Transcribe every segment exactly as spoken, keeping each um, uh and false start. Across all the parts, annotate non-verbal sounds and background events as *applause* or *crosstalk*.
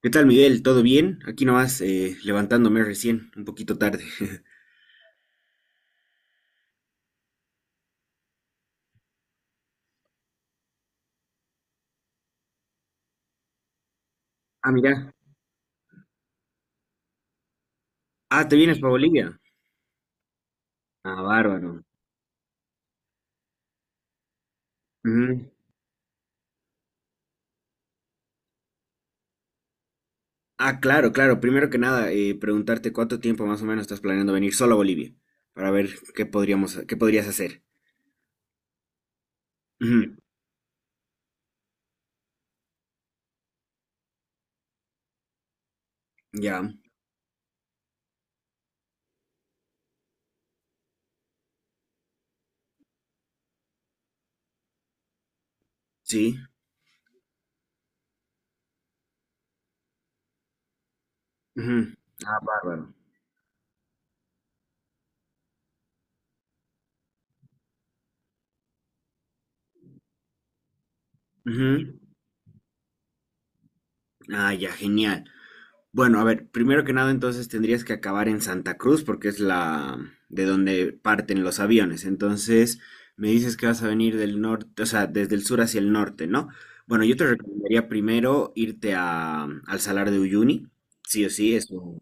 ¿Qué tal, Miguel? ¿Todo bien? Aquí nomás eh, levantándome recién, un poquito tarde. *laughs* Ah, mira. Ah, ¿te vienes para Bolivia? Ah, bárbaro. Ujú. Ah, claro, claro. Primero que nada, eh, preguntarte cuánto tiempo más o menos estás planeando venir solo a Bolivia, para ver qué podríamos, qué podrías hacer. Ujú. Ya, sí. Ujú. Ah, bárbaro. Ujú. Ah, ya, genial. Bueno, a ver, primero que nada, entonces tendrías que acabar en Santa Cruz porque es la de donde parten los aviones. Entonces, me dices que vas a venir del norte, o sea, desde el sur hacia el norte, ¿no? Bueno, yo te recomendaría primero irte a, al Salar de Uyuni, sí o sí, eso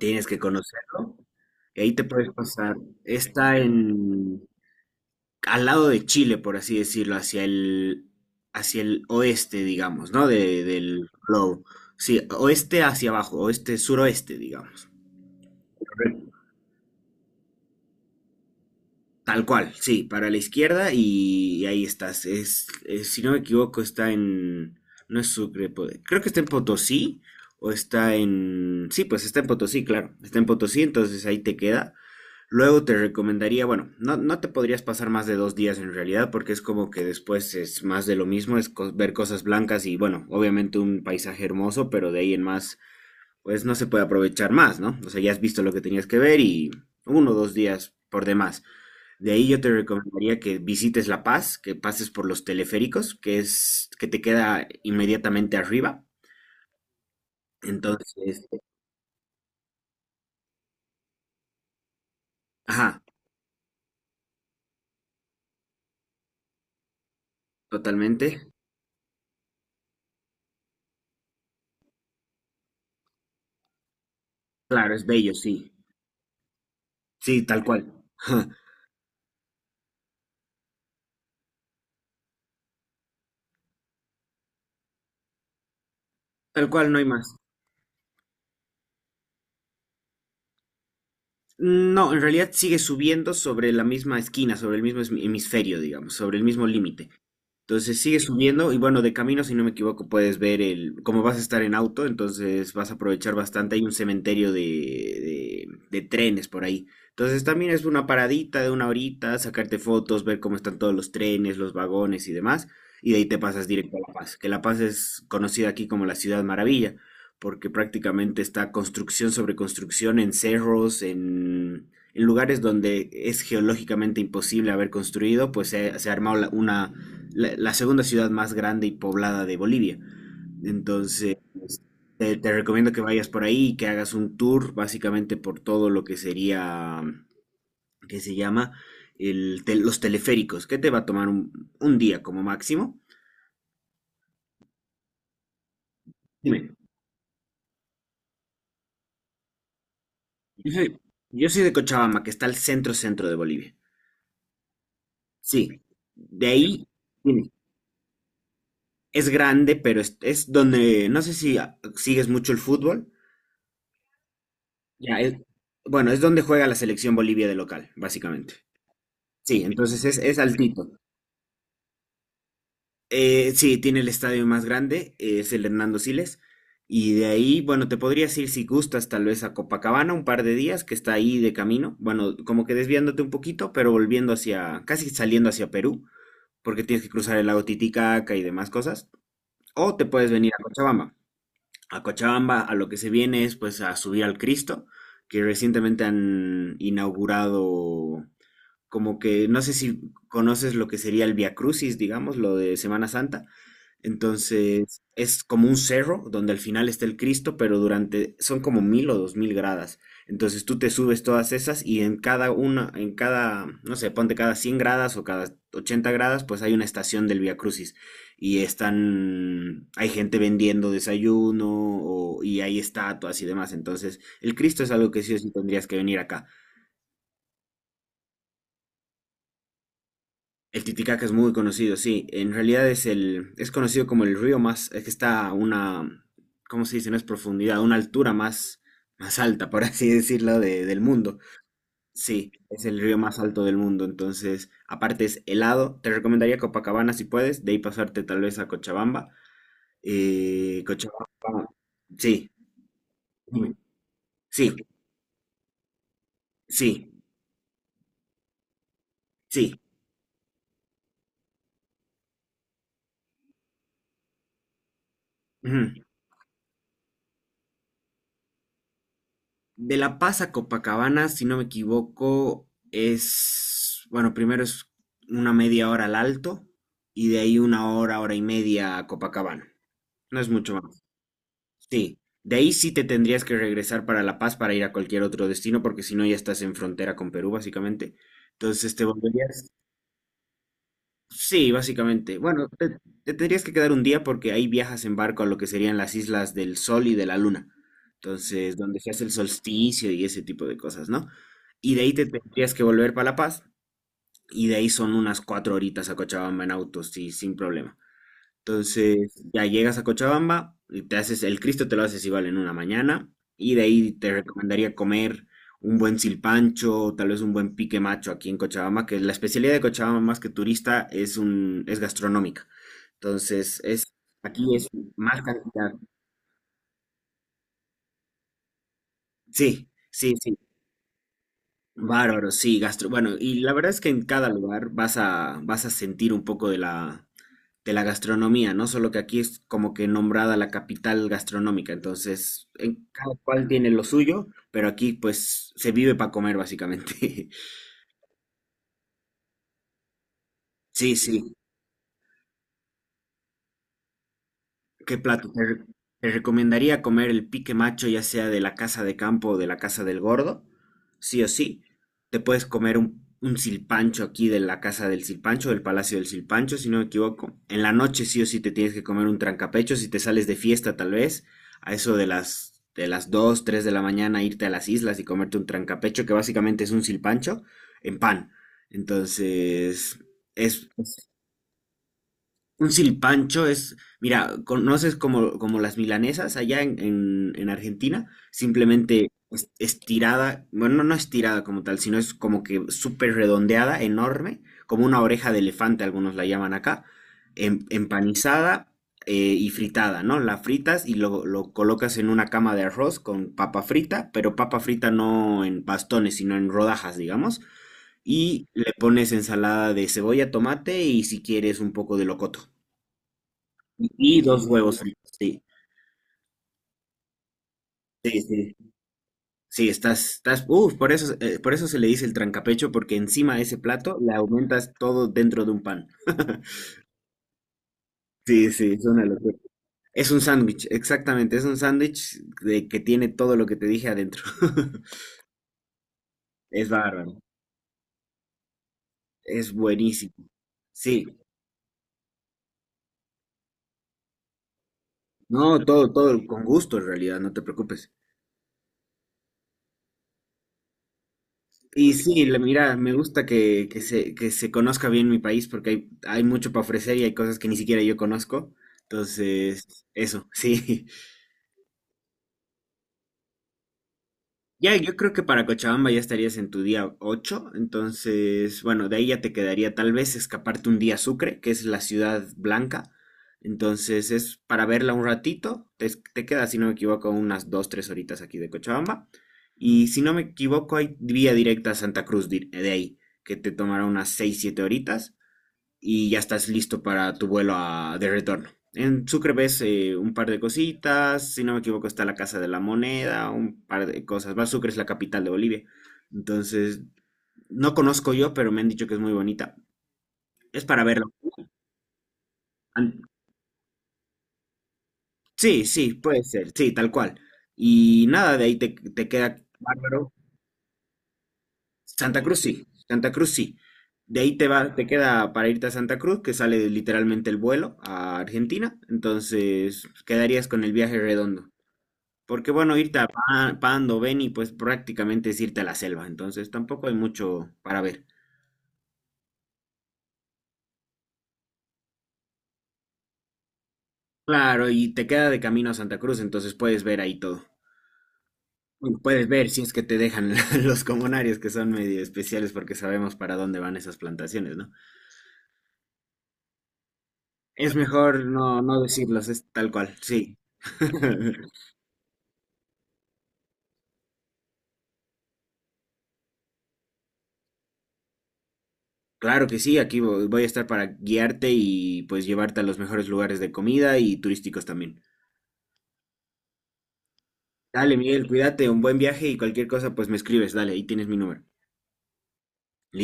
tienes que conocerlo. Y ahí te puedes pasar. Está en, al lado de Chile, por así decirlo, hacia el, hacia el oeste, digamos, ¿no? De- del globo. Sí, oeste hacia abajo, oeste, suroeste, digamos. Correcto. Tal cual, sí, para la izquierda y, y ahí estás. Es, es- si no me equivoco, está en. No es Sucre, po- creo que está en Potosí o está en. Sí, pues está en Potosí, claro. Está en Potosí, entonces ahí te queda. Luego te recomendaría, bueno, no, no te podrías pasar más de dos días en realidad porque es como que después es más de lo mismo, es co- ver cosas blancas y bueno, obviamente un paisaje hermoso, pero de ahí en más, pues no se puede aprovechar más, ¿no? O sea, ya has visto lo que tenías que ver y uno o dos días por demás. De ahí yo te recomendaría que visites La Paz, que pases por los teleféricos, que es que te queda inmediatamente arriba. Entonces, ajá, totalmente. Claro, es bello, sí. Sí, tal cual. *laughs* Tal cual, no hay más. No, en realidad sigue subiendo sobre la misma esquina, sobre el mismo hemisferio, digamos, sobre el mismo límite. Entonces sigue subiendo y bueno, de camino, si no me equivoco, puedes ver el, como vas a estar en auto, entonces vas a aprovechar bastante. Hay un cementerio de, de- de trenes por ahí. Entonces también es una paradita de una horita, sacarte fotos, ver cómo están todos los trenes, los vagones y demás. Y de ahí te pasas directo a La Paz, que La Paz es conocida aquí como la Ciudad Maravilla, porque prácticamente está construcción sobre construcción en cerros, en, en lugares donde es geológicamente imposible haber construido, pues se, se ha armado la- una la, la segunda ciudad más grande y poblada de Bolivia. Entonces, te, te recomiendo que vayas por ahí y que hagas un tour básicamente por todo lo que sería, que se llama el tel- los teleféricos, que te va a tomar un, un día como máximo. Dime, yo soy, yo soy de Cochabamba, que está al centro centro de Bolivia. Sí, de ahí dime, es grande, pero es, es donde, no sé si ah, sigues mucho el fútbol. Ya, es- bueno, es donde juega la selección Bolivia de local, básicamente. Sí, entonces es, es altito. Eh, sí, tiene el estadio más grande, eh, es el Hernando Siles. Y de ahí, bueno, te podrías ir si gustas tal vez a Copacabana un par de días, que está ahí de camino. Bueno, como que desviándote un poquito, pero volviendo hacia, casi saliendo hacia Perú, porque tienes que cruzar el lago Titicaca y demás cosas. O te puedes venir a Cochabamba. A Cochabamba a lo que se viene es pues a subir al Cristo, que recientemente han inaugurado como que no sé si conoces lo que sería el Via Crucis, digamos, lo de Semana Santa. Entonces, es como un cerro donde al final está el Cristo, pero durante son como mil o dos mil gradas. Entonces, tú te subes todas esas y en cada una, en cada, no sé, ponte cada cien gradas o cada ochenta gradas, pues hay una estación del Via Crucis y están, hay gente vendiendo desayuno o- y hay estatuas y demás. Entonces, el Cristo es algo que sí o sí tendrías que venir acá. El Titicaca es muy conocido, sí. En realidad es el, es conocido como el río más, es que está a una, ¿cómo se dice? No es profundidad, a una altura más, más alta, por *laughs* así decirlo, de- del mundo. Sí, es el río más alto del mundo. Entonces, aparte es helado. Te recomendaría Copacabana si puedes, de ahí pasarte tal vez a Cochabamba. Eh, Cochabamba, sí, dime. Sí, sí, sí. Ujú. De La Paz a Copacabana, si no me equivoco, es, bueno, primero es una media hora al alto y de ahí una hora, hora y media a Copacabana. No es mucho más. Sí. De ahí sí te tendrías que regresar para La Paz para ir a cualquier otro destino, porque si no ya estás en frontera con Perú, básicamente. Entonces te volverías. Sí, básicamente. Bueno, te, te tendrías que quedar un día porque ahí viajas en barco a lo que serían las islas del Sol y de la Luna. Entonces, donde se hace el solsticio y ese tipo de cosas, ¿no? Y de ahí te tendrías que volver para La Paz y de ahí son unas cuatro horitas a Cochabamba en auto, sí, sin problema. Entonces, ya llegas a Cochabamba, y te haces el Cristo, te lo haces igual en una mañana, y de ahí te recomendaría comer un buen silpancho, tal vez un buen pique macho aquí en Cochabamba, que la especialidad de Cochabamba más que turista es un es gastronómica. Entonces, es aquí es más cantidad. Sí, sí, sí. Bárbaro, sí, gastro. Bueno, y la verdad es que en cada lugar vas a vas a sentir un poco de la de la gastronomía, ¿no? Solo que aquí es como que nombrada la capital gastronómica, entonces en cada cual tiene lo suyo, pero aquí pues se vive para comer básicamente. *laughs* Sí, sí. ¿Qué plato? Te, re- te recomendaría comer el pique macho, ya sea de la casa de campo o de la casa del gordo, sí o sí. Te puedes comer un, un silpancho aquí de la casa del silpancho, del palacio del silpancho, si no me equivoco. En la noche sí o sí te tienes que comer un trancapecho, si te sales de fiesta tal vez, a eso de las, de las dos, tres de la mañana, irte a las islas y comerte un trancapecho, que básicamente es un silpancho en pan. Entonces, es un silpancho es, mira, conoces como, como las milanesas allá en, en- en Argentina, simplemente es- estirada, bueno, no no estirada como tal, sino es como que súper redondeada, enorme, como una oreja de elefante, algunos la llaman acá, em- empanizada eh, y fritada, ¿no? La fritas y lo, lo colocas en una cama de arroz con papa frita, pero papa frita no en bastones, sino en rodajas, digamos, y le pones ensalada de cebolla, tomate y si quieres un poco de locoto. Y dos huevos fritos, sí. Sí, sí. Sí, estás, estás, uf, por eso, eh, por eso se le dice el trancapecho, porque encima de ese plato le aumentas todo dentro de un pan. *laughs* Sí, sí, es una locura. Es un sándwich, exactamente, es un sándwich de que tiene todo lo que te dije adentro. *laughs* Es bárbaro, es buenísimo. Sí, no, todo, todo con gusto en realidad, no te preocupes. Y sí, la- mira, me gusta que, que se, que se conozca bien mi país porque hay, hay mucho para ofrecer y hay cosas que ni siquiera yo conozco. Entonces, eso, *laughs* sí. Ya, yo creo que para Cochabamba ya estarías en tu día ocho entonces, bueno, de ahí ya te quedaría tal vez escaparte un día a Sucre, que es la ciudad blanca, entonces es para verla un ratito, te, te queda, si no me equivoco, unas dos tres horitas aquí de Cochabamba, y si no me equivoco, hay vía directa a Santa Cruz di- de ahí, que te tomará unas seis siete horitas, y ya estás listo para tu vuelo a- de retorno. En Sucre ves eh, un par de cositas, si no me equivoco está la Casa de la Moneda, un par de cosas. Va, Sucre es la capital de Bolivia. Entonces, no conozco yo, pero me han dicho que es muy bonita. Es para verlo. An- Sí, sí, puede ser, sí, tal cual. Y nada, de ahí te, te queda bárbaro. Santa Cruz, sí, Santa Cruz, sí. De ahí te va, te queda para irte a Santa Cruz, que sale literalmente el vuelo a Argentina. Entonces, quedarías con el viaje redondo. Porque bueno, irte a Pa- Pando, Beni, pues prácticamente es irte a la selva, entonces tampoco hay mucho para ver. Claro, y te queda de camino a Santa Cruz, entonces puedes ver ahí todo. Bueno, puedes ver si es que te dejan *laughs* los comunarios que son medio especiales porque sabemos para dónde van esas plantaciones, ¿no? Es mejor no, no decirlos, es tal cual, sí. *laughs* Claro que sí, aquí vo- voy a estar para guiarte y pues llevarte a los mejores lugares de comida y turísticos también. Dale, Miguel, cuídate, un buen viaje y cualquier cosa, pues me escribes, dale, ahí tienes mi número.